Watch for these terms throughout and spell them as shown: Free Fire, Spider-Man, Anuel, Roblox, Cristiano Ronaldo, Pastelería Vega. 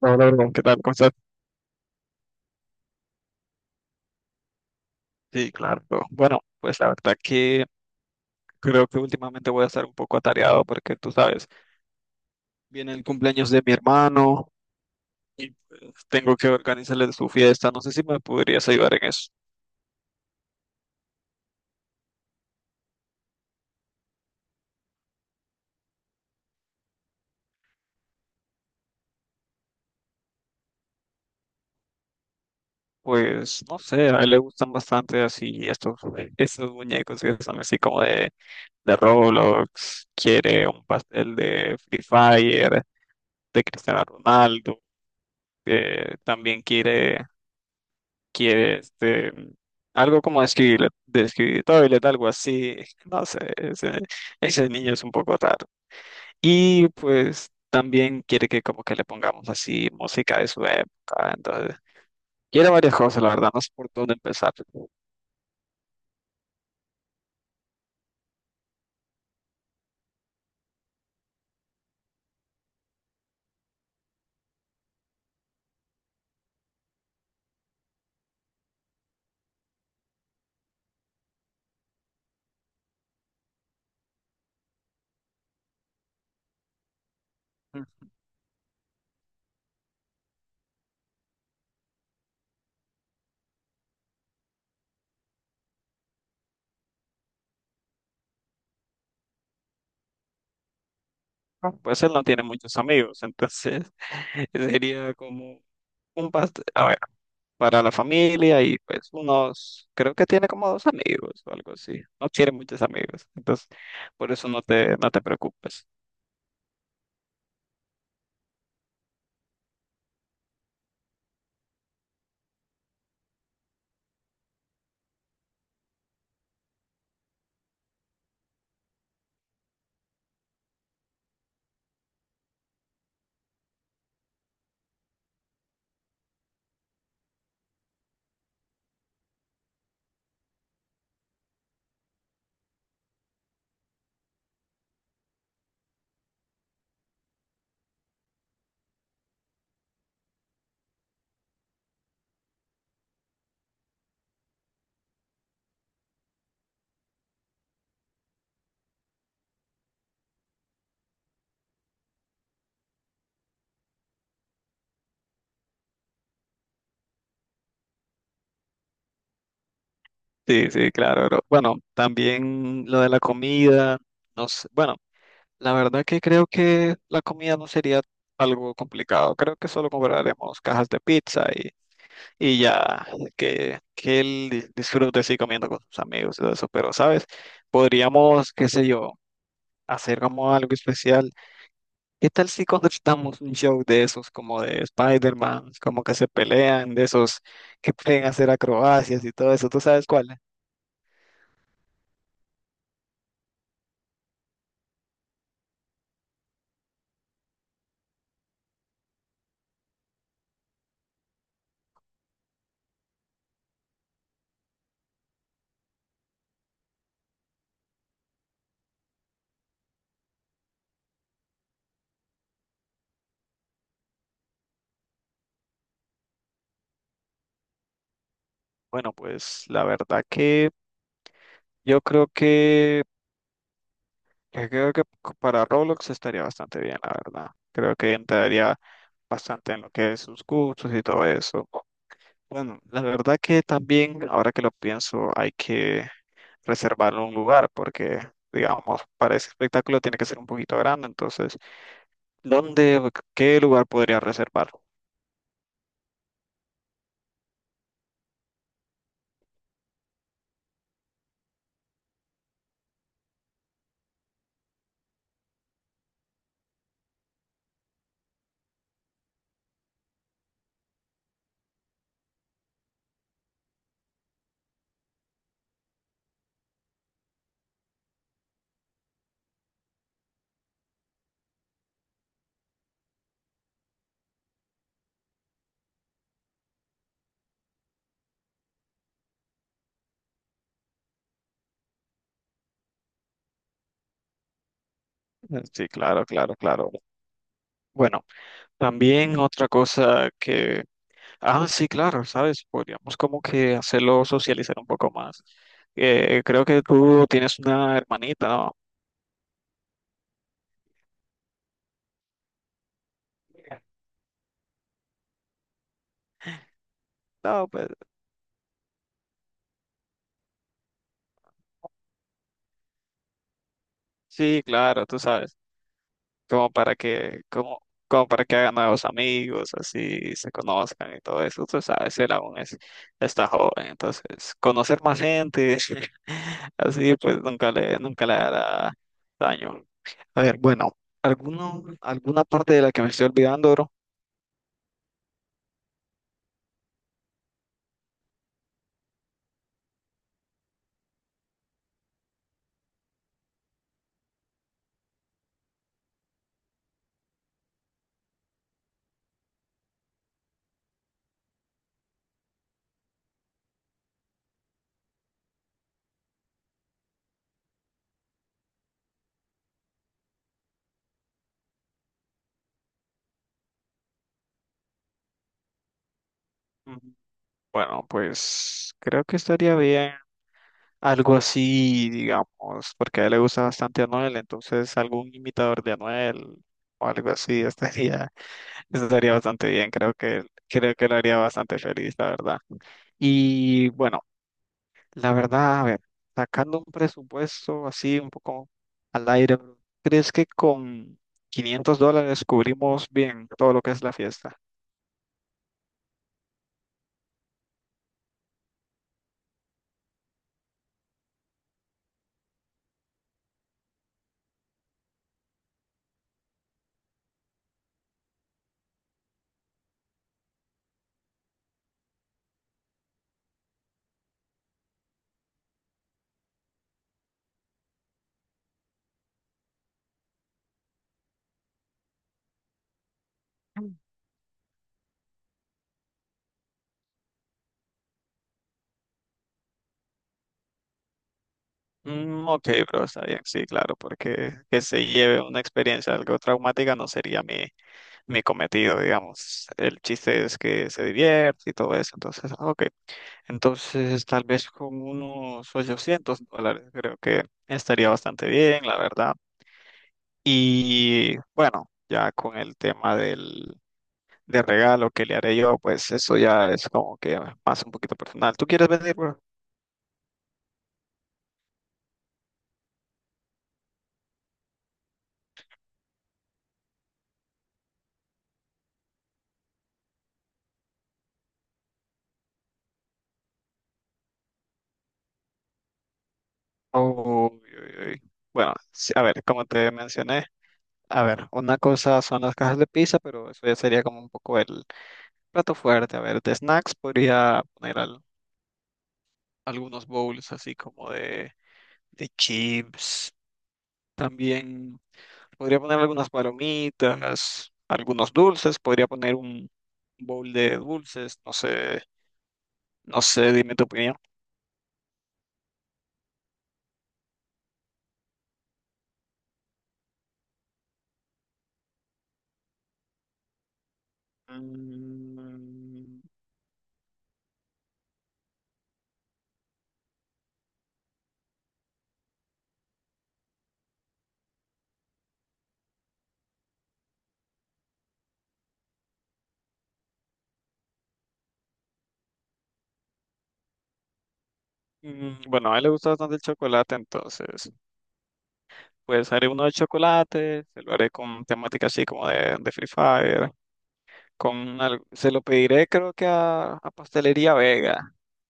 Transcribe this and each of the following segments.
Hola, Bruno, ¿qué tal? ¿Cómo estás? Sí, claro. Bueno, pues la verdad que creo que últimamente voy a estar un poco atareado porque tú sabes, viene el cumpleaños de mi hermano y pues, tengo que organizarle su fiesta. No sé si me podrías ayudar en eso. Pues no sé, a él le gustan bastante así estos muñecos que son así como de Roblox. Quiere un pastel de Free Fire, de Cristiano Ronaldo. También quiere algo como escribir, describir toilet, algo así, no sé, ese niño es un poco raro. Y pues también quiere que como que le pongamos así música de su época, entonces quiere varias cosas, la verdad, no sé por dónde empezar. Ujú. Pues él no tiene muchos amigos, entonces sería como un pastel, a ver, para la familia y pues unos, creo que tiene como dos amigos o algo así, no tiene muchos amigos, entonces por eso no te preocupes. Sí, sí, claro, bro. Bueno, también lo de la comida, no sé. Bueno, la verdad que creo que la comida no sería algo complicado. Creo que solo compraremos cajas de pizza y ya que él disfrute así comiendo con sus amigos y todo eso. Pero, ¿sabes? Podríamos, qué sé yo, hacer como algo especial. ¿Qué tal si contratamos un show de esos como de Spider-Man, como que se pelean, de esos que pueden hacer acrobacias y todo eso? ¿Tú sabes cuál? Bueno, pues la verdad que yo creo que, yo creo que para Roblox estaría bastante bien, la verdad. Creo que entraría bastante en lo que es sus gustos y todo eso. Bueno, la verdad que también, ahora que lo pienso, hay que reservar un lugar porque, digamos, para ese espectáculo tiene que ser un poquito grande. Entonces, ¿dónde, o qué lugar podría reservar? Sí, claro, claro, claro. Bueno, también otra cosa que. Ah, sí, claro, sabes, podríamos como que hacerlo socializar un poco más. Creo que tú tienes una hermanita, ¿no? No, pues sí, claro, tú sabes, como para que, como para que hagan nuevos amigos, así se conozcan y todo eso, tú sabes, está joven, entonces conocer más gente, así pues nunca le hará daño. A ver, bueno, ¿alguna parte de la que me estoy olvidando, bro? Bueno, pues creo que estaría bien algo así, digamos, porque a él le gusta bastante Anuel, entonces algún imitador de Anuel o algo así estaría bastante bien, creo que lo haría bastante feliz, la verdad. Y bueno, la verdad, a ver, sacando un presupuesto así un poco al aire, ¿crees que con $500 cubrimos bien todo lo que es la fiesta? Ok, bro, está bien, sí, claro, porque que se lleve una experiencia algo traumática no sería mi cometido, digamos. El chiste es que se divierte y todo eso, entonces, ok. Entonces, tal vez con unos $800 creo que estaría bastante bien, la verdad. Y bueno, ya con el tema del regalo que le haré yo, pues eso ya es como que más un poquito personal. ¿Tú quieres venir, bro? Oh, uy, uy, uy. Bueno, sí, a ver, como te mencioné. A ver, una cosa son las cajas de pizza, pero eso ya sería como un poco el plato fuerte. A ver, de snacks podría poner algunos bowls así como de chips. También podría poner algunas palomitas, algunos dulces. Podría poner un bowl de dulces. No sé, dime tu opinión. Mm, Bueno, a él le gusta bastante el chocolate, entonces, pues haré uno de chocolate, se lo haré con temática así como de Free Fire. Con se lo pediré creo que a Pastelería Vega.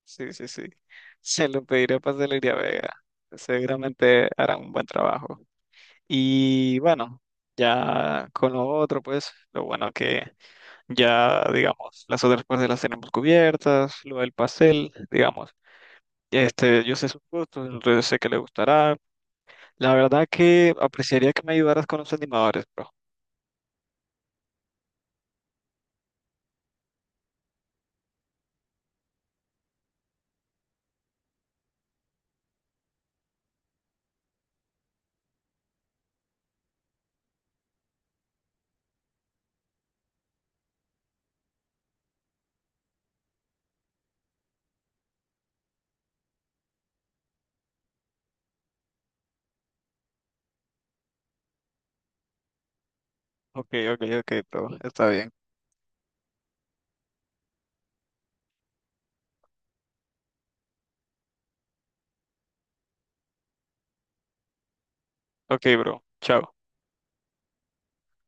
Sí, sí, sí. Se lo pediré a Pastelería Vega. Seguramente harán un buen trabajo. Y bueno, ya con lo otro, pues, lo bueno que ya, digamos, las otras partes las tenemos cubiertas, lo del pastel, digamos. Este, yo sé sus gustos, entonces sé que le gustará. La verdad que apreciaría que me ayudaras con los animadores, bro. Ok, ok, ok, bro. Está bien. Ok, bro. Chao.